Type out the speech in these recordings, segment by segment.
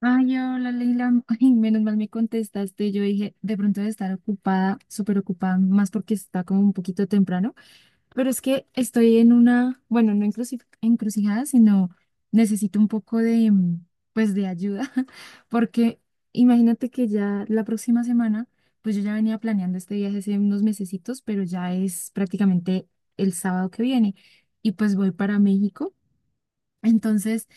Ay, hola Leila, Ay, menos mal me contestaste. Yo dije, de pronto de estar ocupada, súper ocupada, más porque está como un poquito temprano, pero es que estoy en una, bueno, no encrucijada, sino necesito un poco de, pues, de ayuda, porque imagínate que ya la próxima semana, pues yo ya venía planeando este viaje hace unos mesecitos, pero ya es prácticamente el sábado que viene y pues voy para México. Entonces...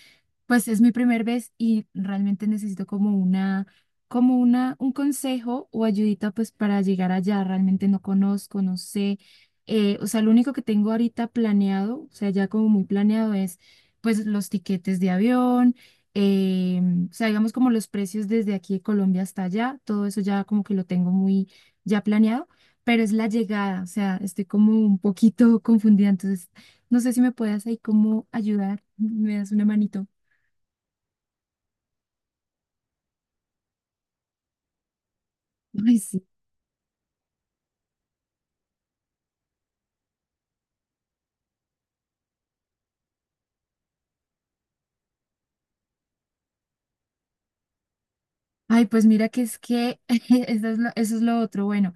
Pues es mi primera vez y realmente necesito como una, un consejo o ayudita pues para llegar allá. Realmente no conozco, no sé. O sea, lo único que tengo ahorita planeado, o sea, ya como muy planeado es pues los tiquetes de avión, eh, o sea, digamos como los precios desde aquí de Colombia hasta allá, todo eso ya como que lo tengo muy ya planeado, pero es la llegada, o sea, estoy como un poquito confundida, entonces no sé si me puedas ahí como ayudar, me das una manito. Ay, sí. Ay, pues mira que es que eso es lo otro. Bueno,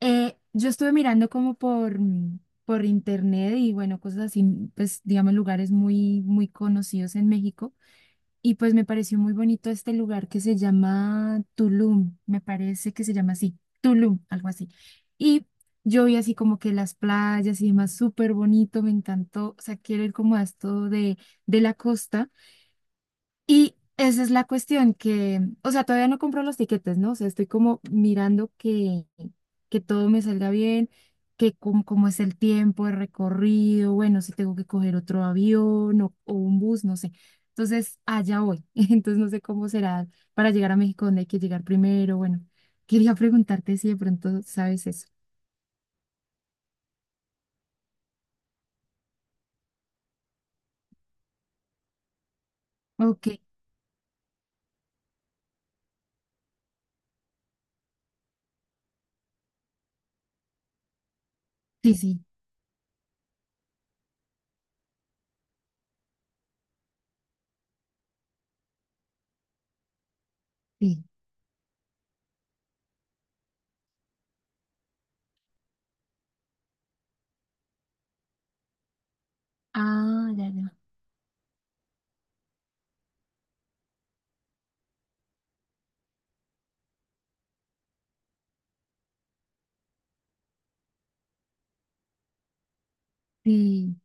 yo estuve mirando como por internet y bueno, cosas así, pues digamos lugares muy, muy conocidos en México. Y pues me pareció muy bonito este lugar que se llama Tulum, me parece que se llama así, Tulum, algo así. Y yo vi así como que las playas y demás, súper bonito, me encantó. O sea, quiero ir como a esto de, la costa. Y esa es la cuestión, que, o sea, todavía no compro los tiquetes, ¿no? O sea, estoy como mirando que todo me salga bien, que cómo es el tiempo, el recorrido, bueno, si tengo que coger otro avión o un bus, no sé. Entonces, allá voy. Entonces, no sé cómo será para llegar a México, dónde hay que llegar primero. Bueno, quería preguntarte si de pronto sabes eso. Ok, sí, sí, sí. Ah, ya, ya. Sí.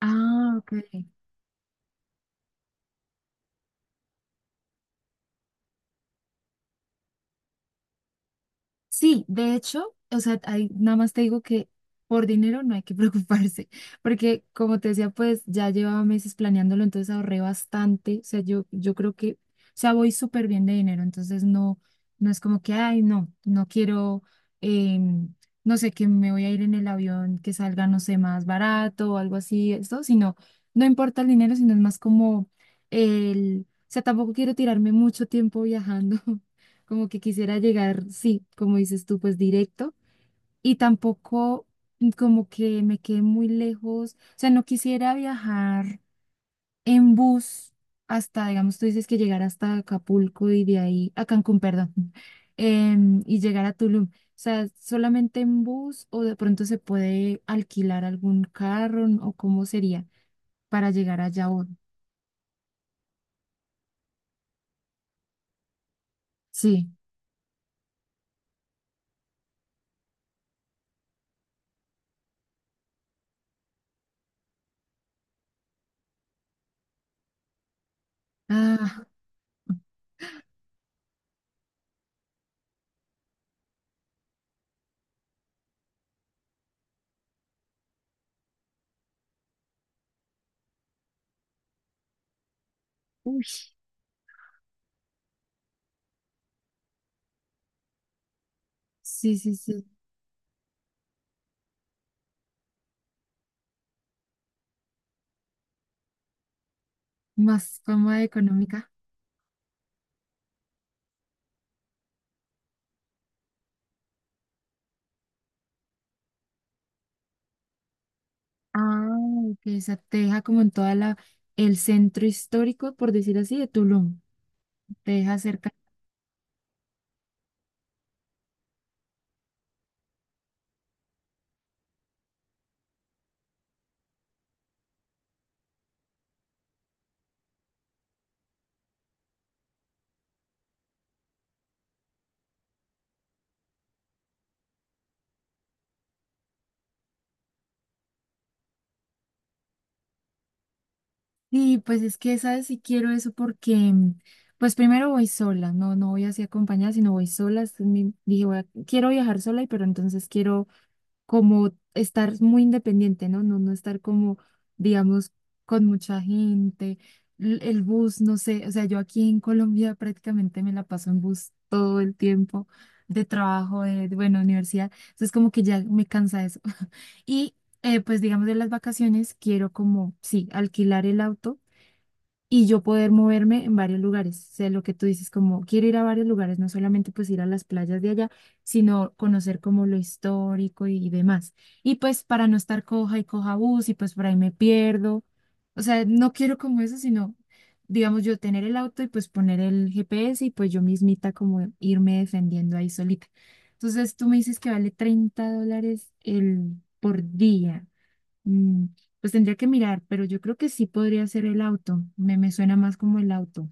Ah, ok. Sí, de hecho, o sea, ahí nada más te digo que por dinero no hay que preocuparse, porque como te decía, pues ya llevaba meses planeándolo, entonces ahorré bastante, o sea, yo creo que, o sea, voy súper bien de dinero, entonces no, no es como que, ay, no, no quiero, em, no sé, que me voy a ir en el avión que salga, no sé, más barato o algo así, esto, sino, no importa el dinero, sino es más como el, o sea, tampoco quiero tirarme mucho tiempo viajando. Como que quisiera llegar, sí, como dices tú, pues directo, y tampoco como que me quede muy lejos, o sea, no quisiera viajar en bus hasta, digamos, tú dices que llegar hasta Acapulco y de ahí, a Cancún, perdón, y llegar a Tulum, o sea, solamente en bus o de pronto se puede alquilar algún carro, ¿no? O cómo sería para llegar allá o sí, ah, uy, sí, sí, sí, más fama económica. Ah, que esa te deja como en el centro histórico, por decir así, de Tulum. Te deja cerca. Sí, pues es que, ¿sabes? Si quiero eso porque, pues primero voy sola, no, no voy así acompañada, sino voy sola. Dije, quiero viajar sola, y pero entonces quiero como estar muy independiente, ¿no? No, no estar como, digamos, con mucha gente, el bus, no sé. O sea, yo aquí en Colombia prácticamente me la paso en bus el tiempo de trabajo, bueno, universidad. Entonces como que ya me cansa eso. Y pues digamos de las vacaciones quiero como, sí, alquilar el auto y yo poder moverme en varios lugares. Sé lo que tú dices, como quiero ir a varios lugares, no solamente pues ir a las playas de allá, sino conocer como lo histórico y, demás. Y pues para no estar coja y coja bus y pues por ahí me pierdo. O sea, no quiero como eso, sino, digamos, yo tener el auto y pues poner el GPS y pues yo mismita como irme defendiendo ahí solita. Entonces tú me dices que vale $30 el por día. Mm, pues tendría que mirar, pero yo creo que sí podría ser el auto. Me suena más como el auto.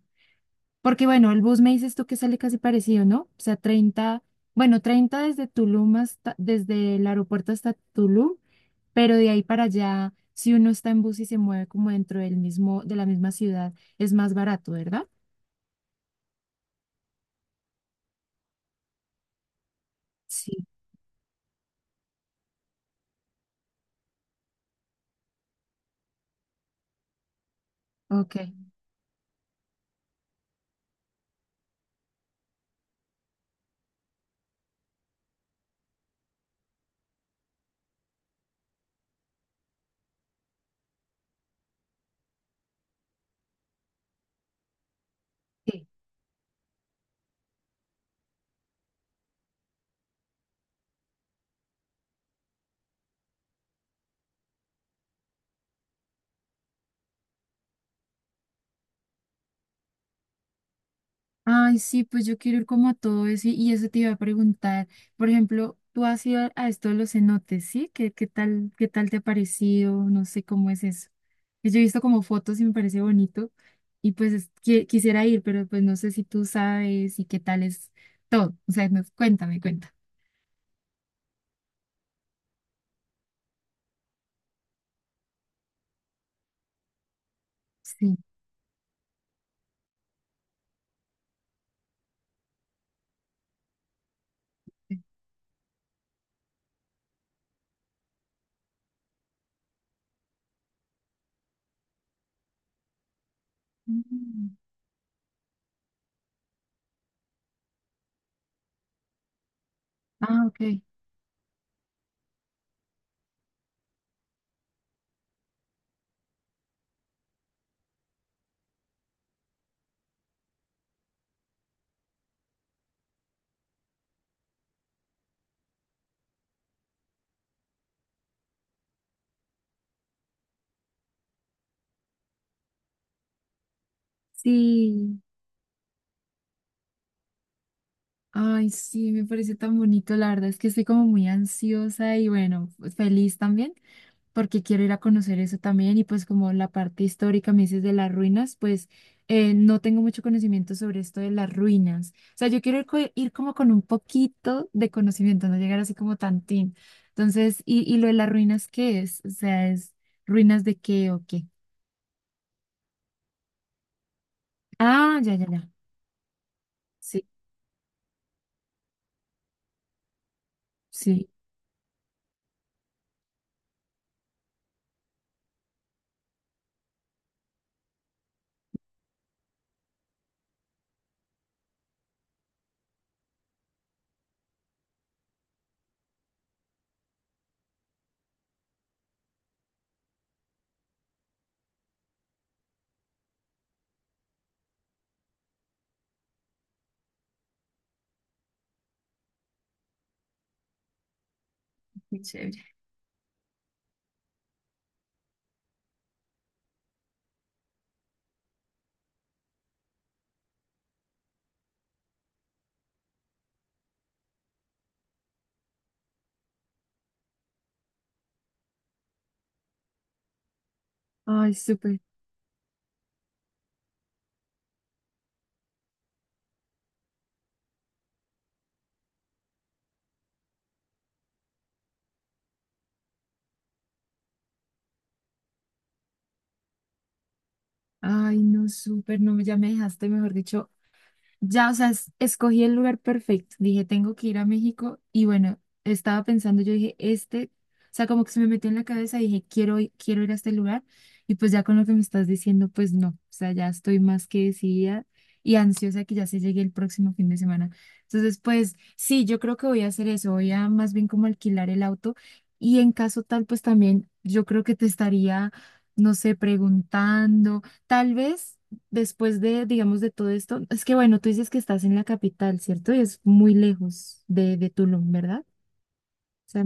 Porque bueno, el bus me dices tú que sale casi parecido, ¿no? O sea, 30 bueno, 30 desde Tulum hasta, desde el aeropuerto hasta Tulum, pero de ahí para allá, si uno está en bus y se mueve como dentro de la misma ciudad, es más barato, ¿verdad? Sí, ok. Sí. Ay, sí, pues yo quiero ir como a todo eso y eso te iba a preguntar. Por ejemplo, tú has ido a esto de los cenotes, ¿sí? Qué tal te ha parecido? No sé cómo es eso. Pues yo he visto como fotos y me parece bonito y pues quisiera ir, pero pues no sé si tú sabes y qué tal es todo. O sea, cuéntame, cuenta. Sí. Mm. Ah, ok. Sí. Ay, sí, me parece tan bonito. La verdad es que estoy como muy ansiosa y bueno, pues, feliz también porque quiero ir a conocer eso también y pues como la parte histórica me dices de las ruinas, pues no tengo mucho conocimiento sobre esto de las ruinas. O sea, yo quiero ir, ir como con un poquito de conocimiento, no llegar así como tantín. Entonces, ¿y lo de las ruinas qué es? O sea, ¿es ruinas de qué o qué? Ah, ya, ya, ya. Sí, sí. Qué chévere. Ay, súper. Ay, no, súper. No, ya me dejaste, mejor dicho, ya, o sea, escogí el lugar perfecto. Dije, tengo que ir a México. Y bueno, estaba pensando, yo dije, o sea, como que se me metió en la cabeza y dije, quiero ir a este lugar. Y pues ya con lo que me estás diciendo, pues no. O sea, ya estoy más que decidida y ansiosa que ya se llegue el próximo fin de semana. Entonces, pues sí, yo creo que voy a hacer eso. Voy a más bien como alquilar el auto. Y en caso tal, pues también yo creo que te estaría, no sé, preguntando, tal vez después de, digamos, de todo esto, es que bueno, tú dices que estás en la capital, ¿cierto? Y es muy lejos de Tulum, ¿verdad? O sea,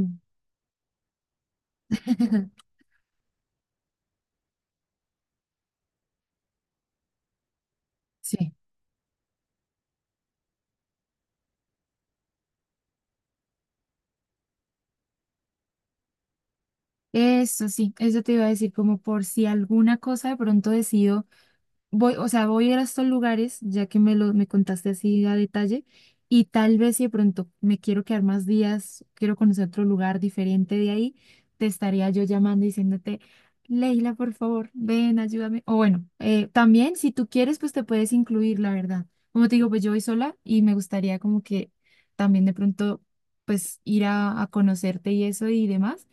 sí. Eso sí, eso te iba a decir, como por si alguna cosa de pronto decido voy, o sea, voy a ir a estos lugares, ya que me contaste así a detalle, y tal vez si de pronto me quiero quedar más días, quiero conocer otro lugar diferente de ahí, te estaría yo llamando y diciéndote, Leila, por favor, ven, ayúdame. O bueno, también si tú quieres, pues te puedes incluir, la verdad. Como te digo, pues yo voy sola y me gustaría como que también de pronto pues ir a conocerte y eso y demás,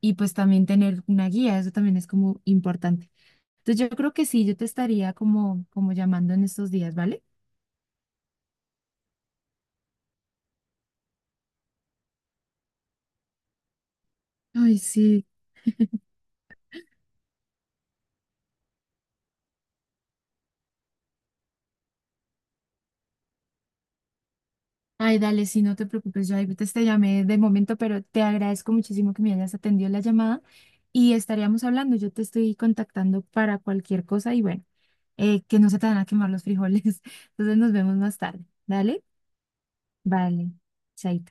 y pues también tener una guía, eso también es como importante. Entonces yo creo que sí, yo te estaría como llamando en estos días, ¿vale? Ay, sí. Ay, dale, sí, no te preocupes, yo ahí te llamé de momento, pero te agradezco muchísimo que me hayas atendido la llamada y estaríamos hablando, yo te estoy contactando para cualquier cosa y bueno, que no se te van a quemar los frijoles. Entonces nos vemos más tarde, ¿dale? Vale, chaito.